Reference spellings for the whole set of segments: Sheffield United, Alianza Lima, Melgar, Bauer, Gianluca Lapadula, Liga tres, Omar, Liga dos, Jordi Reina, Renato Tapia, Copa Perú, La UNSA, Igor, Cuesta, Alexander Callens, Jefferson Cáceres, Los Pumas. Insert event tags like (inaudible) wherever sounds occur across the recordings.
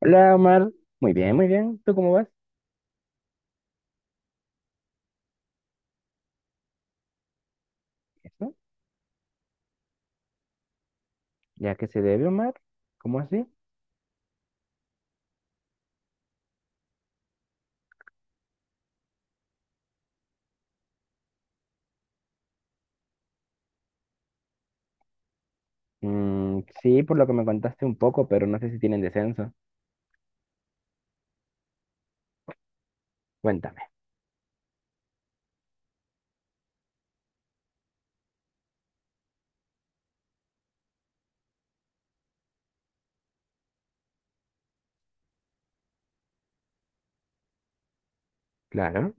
Hola, Omar. Muy bien, muy bien. ¿Tú cómo vas? ¿Eso? ¿Ya que se debe, Omar? ¿Cómo así? Mm, sí, por lo que me contaste un poco, pero no sé si tienen descenso. Cuéntame. Claro,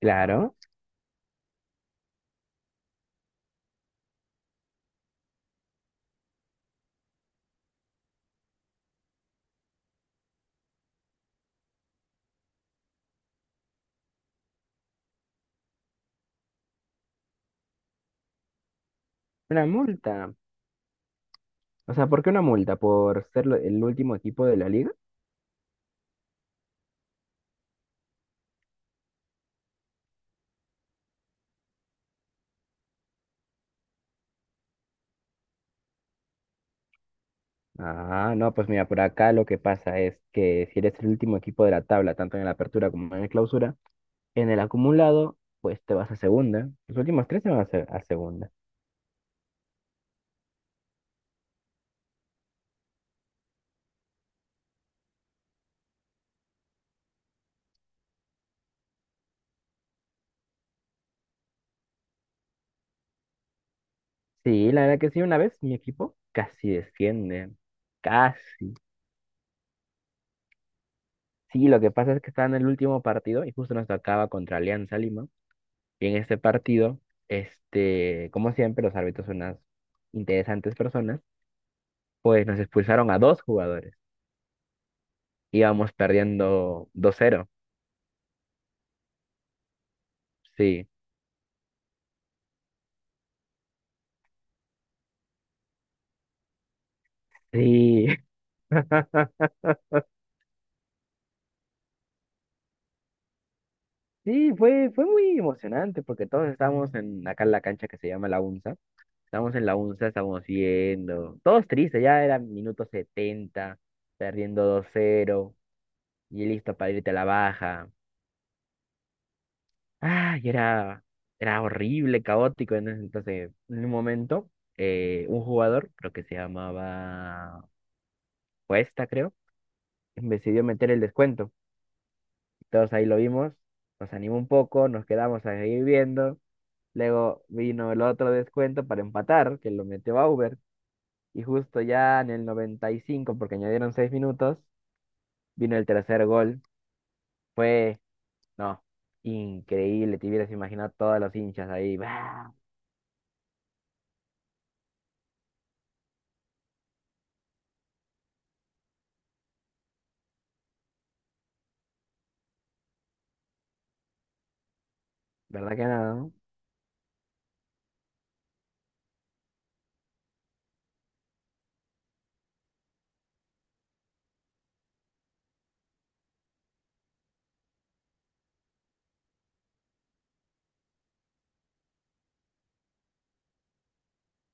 claro. Una multa. O sea, ¿por qué una multa? ¿Por ser el último equipo de la liga? Ah, no, pues mira, por acá lo que pasa es que si eres el último equipo de la tabla, tanto en la apertura como en la clausura, en el acumulado, pues te vas a segunda. Los últimos tres se van a segunda. Sí, la verdad que sí, una vez mi equipo casi desciende, casi. Sí, lo que pasa es que estaba en el último partido y justo nos tocaba contra Alianza Lima. Y en este partido, como siempre, los árbitros son unas interesantes personas, pues nos expulsaron a dos jugadores. Íbamos perdiendo 2-0. Sí, sí. (laughs) Sí, fue muy emocionante porque todos estábamos en acá en la cancha que se llama La UNSA. Estamos en la UNSA, estamos viendo. Todos tristes, ya era minuto 70 perdiendo 2-0 y listo para irte a la baja. Ah, y era horrible, caótico. En ese entonces, en un momento, un jugador, creo que se llamaba Cuesta, creo, decidió meter el descuento. Todos ahí lo vimos, nos animó un poco, nos quedamos ahí viendo. Luego vino el otro descuento para empatar, que lo metió Bauer. Y justo ya en el 95, porque añadieron 6 minutos, vino el tercer gol. Fue, no, increíble. Te hubieras imaginado todos los hinchas ahí. ¡Bah! ¿Verdad que no?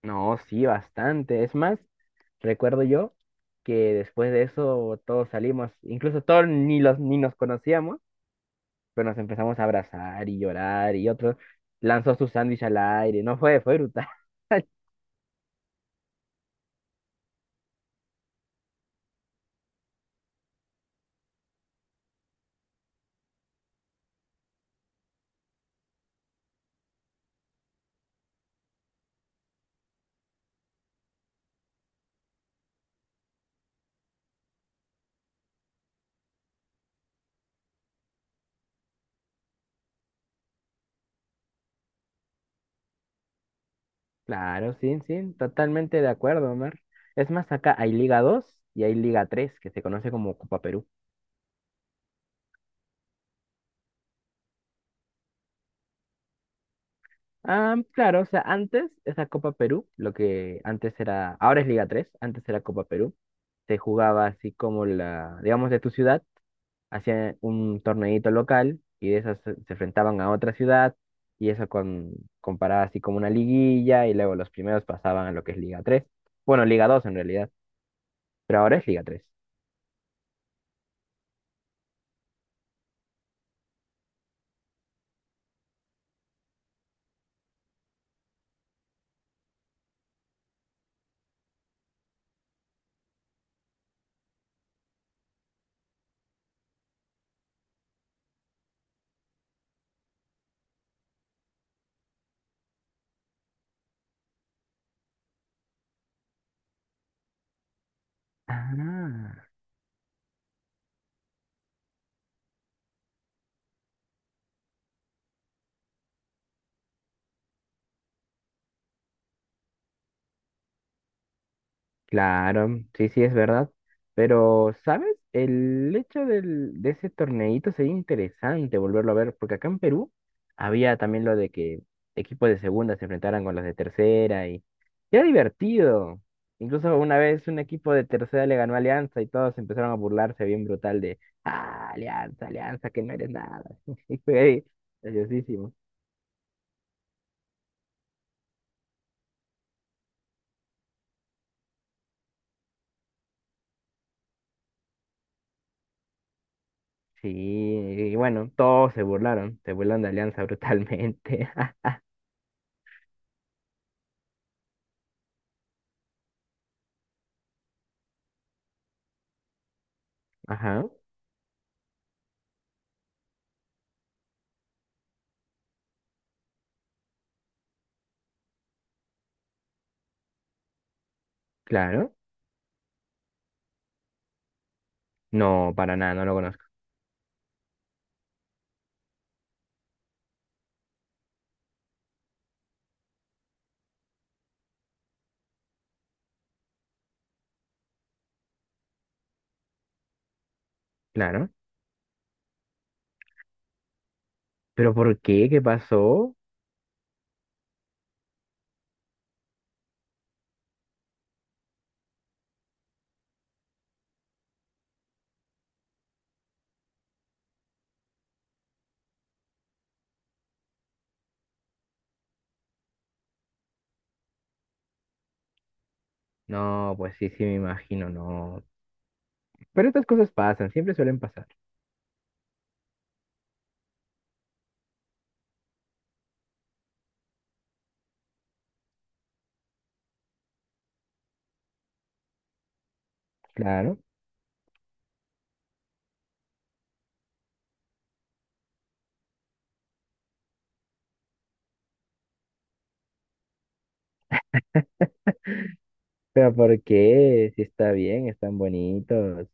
No, sí, bastante. Es más, recuerdo yo que después de eso todos salimos, incluso todos ni los ni nos conocíamos, pero nos empezamos a abrazar y llorar y otro lanzó su sándwich al aire. No fue brutal. (laughs) Claro, sí, sí, totalmente de acuerdo, Omar. Es más, acá hay Liga 2 y hay Liga 3 que se conoce como Copa Perú. Ah, claro, o sea, antes esa Copa Perú, lo que antes era, ahora es Liga 3 antes era Copa Perú, se jugaba así como la, digamos, de tu ciudad, hacían un torneito local y de esas se enfrentaban a otra ciudad y eso con, comparaba así como una liguilla y luego los primeros pasaban a lo que es Liga 3. Bueno, Liga 2 en realidad, pero ahora es Liga 3. Ah. Claro, sí, sí, es verdad. Pero, ¿sabes? El hecho de ese torneito sería interesante volverlo a ver, porque acá en Perú había también lo de que equipos de segunda se enfrentaran con los de tercera y era divertido. Incluso una vez un equipo de tercera le ganó a Alianza y todos empezaron a burlarse bien brutal de, ah, Alianza, Alianza, que no eres nada. (laughs) Y fue ahí, graciosísimo. Sí, y bueno, todos se burlaron de Alianza brutalmente. (laughs) Ajá, claro. No, para nada, no lo conozco. Claro. ¿Pero por qué? ¿Qué pasó? No, pues sí, sí, me imagino, no. Pero estas cosas pasan, siempre suelen pasar. Claro. ¿Pero por qué? Si está bien, están bonitos.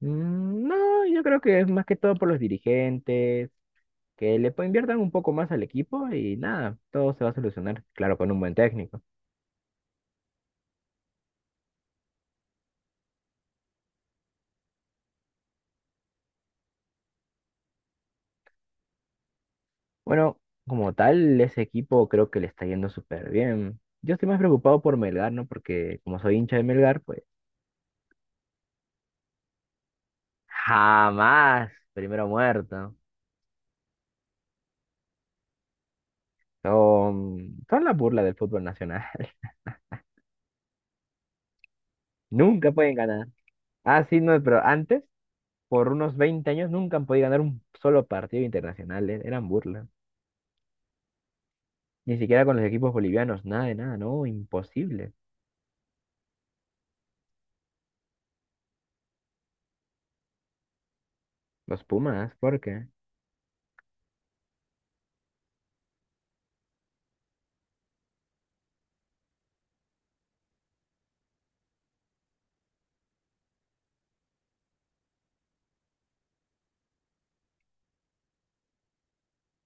Mm, no, yo creo que es más que todo por los dirigentes, que le inviertan un poco más al equipo y nada, todo se va a solucionar. Claro, con un buen técnico. Bueno, como tal, ese equipo creo que le está yendo súper bien. Yo estoy más preocupado por Melgar, ¿no? Porque como soy hincha de Melgar, pues. Jamás. Primero muerto. Son la burla del fútbol nacional. (laughs) Nunca pueden ganar. Ah, sí, no, pero antes, por unos 20 años, nunca han podido ganar un solo partido internacional. Eran burla. Ni siquiera con los equipos bolivianos. Nada de nada, no, imposible. Los Pumas, ¿por qué?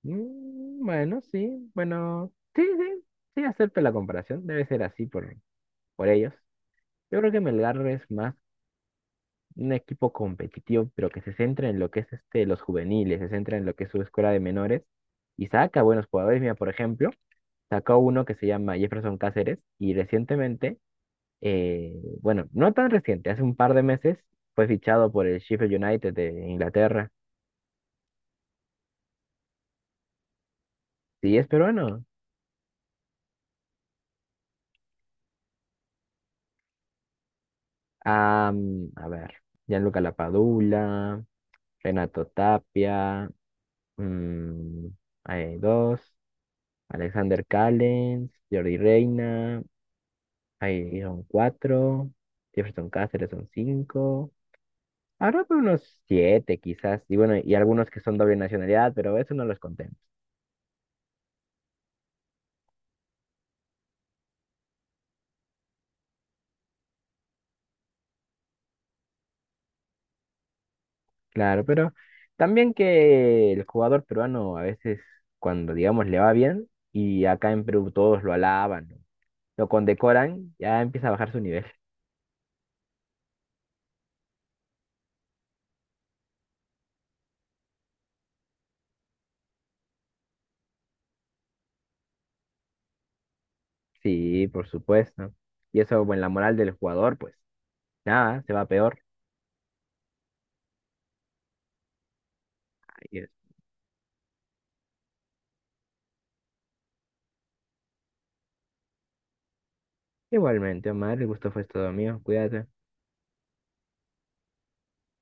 Mm, bueno, sí, bueno, sí, sí, sí, acepto la comparación. Debe ser así por ellos. Yo creo que Melgar es más un equipo competitivo, pero que se centra en lo que es los juveniles, se centra en lo que es su escuela de menores y saca buenos jugadores. Mira, por ejemplo, sacó uno que se llama Jefferson Cáceres y recientemente, eh, bueno, no tan reciente, hace un par de meses fue fichado por el Sheffield United de Inglaterra. Sí, es peruano. A ver, Gianluca Lapadula, Renato Tapia, mm, hay dos, Alexander Callens, Jordi Reina. Ahí son cuatro. Jefferson Cáceres son cinco. Habrá por unos siete quizás. Y bueno, y algunos que son doble nacionalidad, pero eso no los contemos. Claro, pero también que el jugador peruano a veces, cuando digamos le va bien, y acá en Perú todos lo alaban, ¿no? Lo condecoran, ya empieza a bajar su nivel. (laughs) Sí, por supuesto. Y eso, bueno, la moral del jugador, pues nada, se va peor. Ahí es. Igualmente, Omar, el gusto fue todo mío. Cuídate.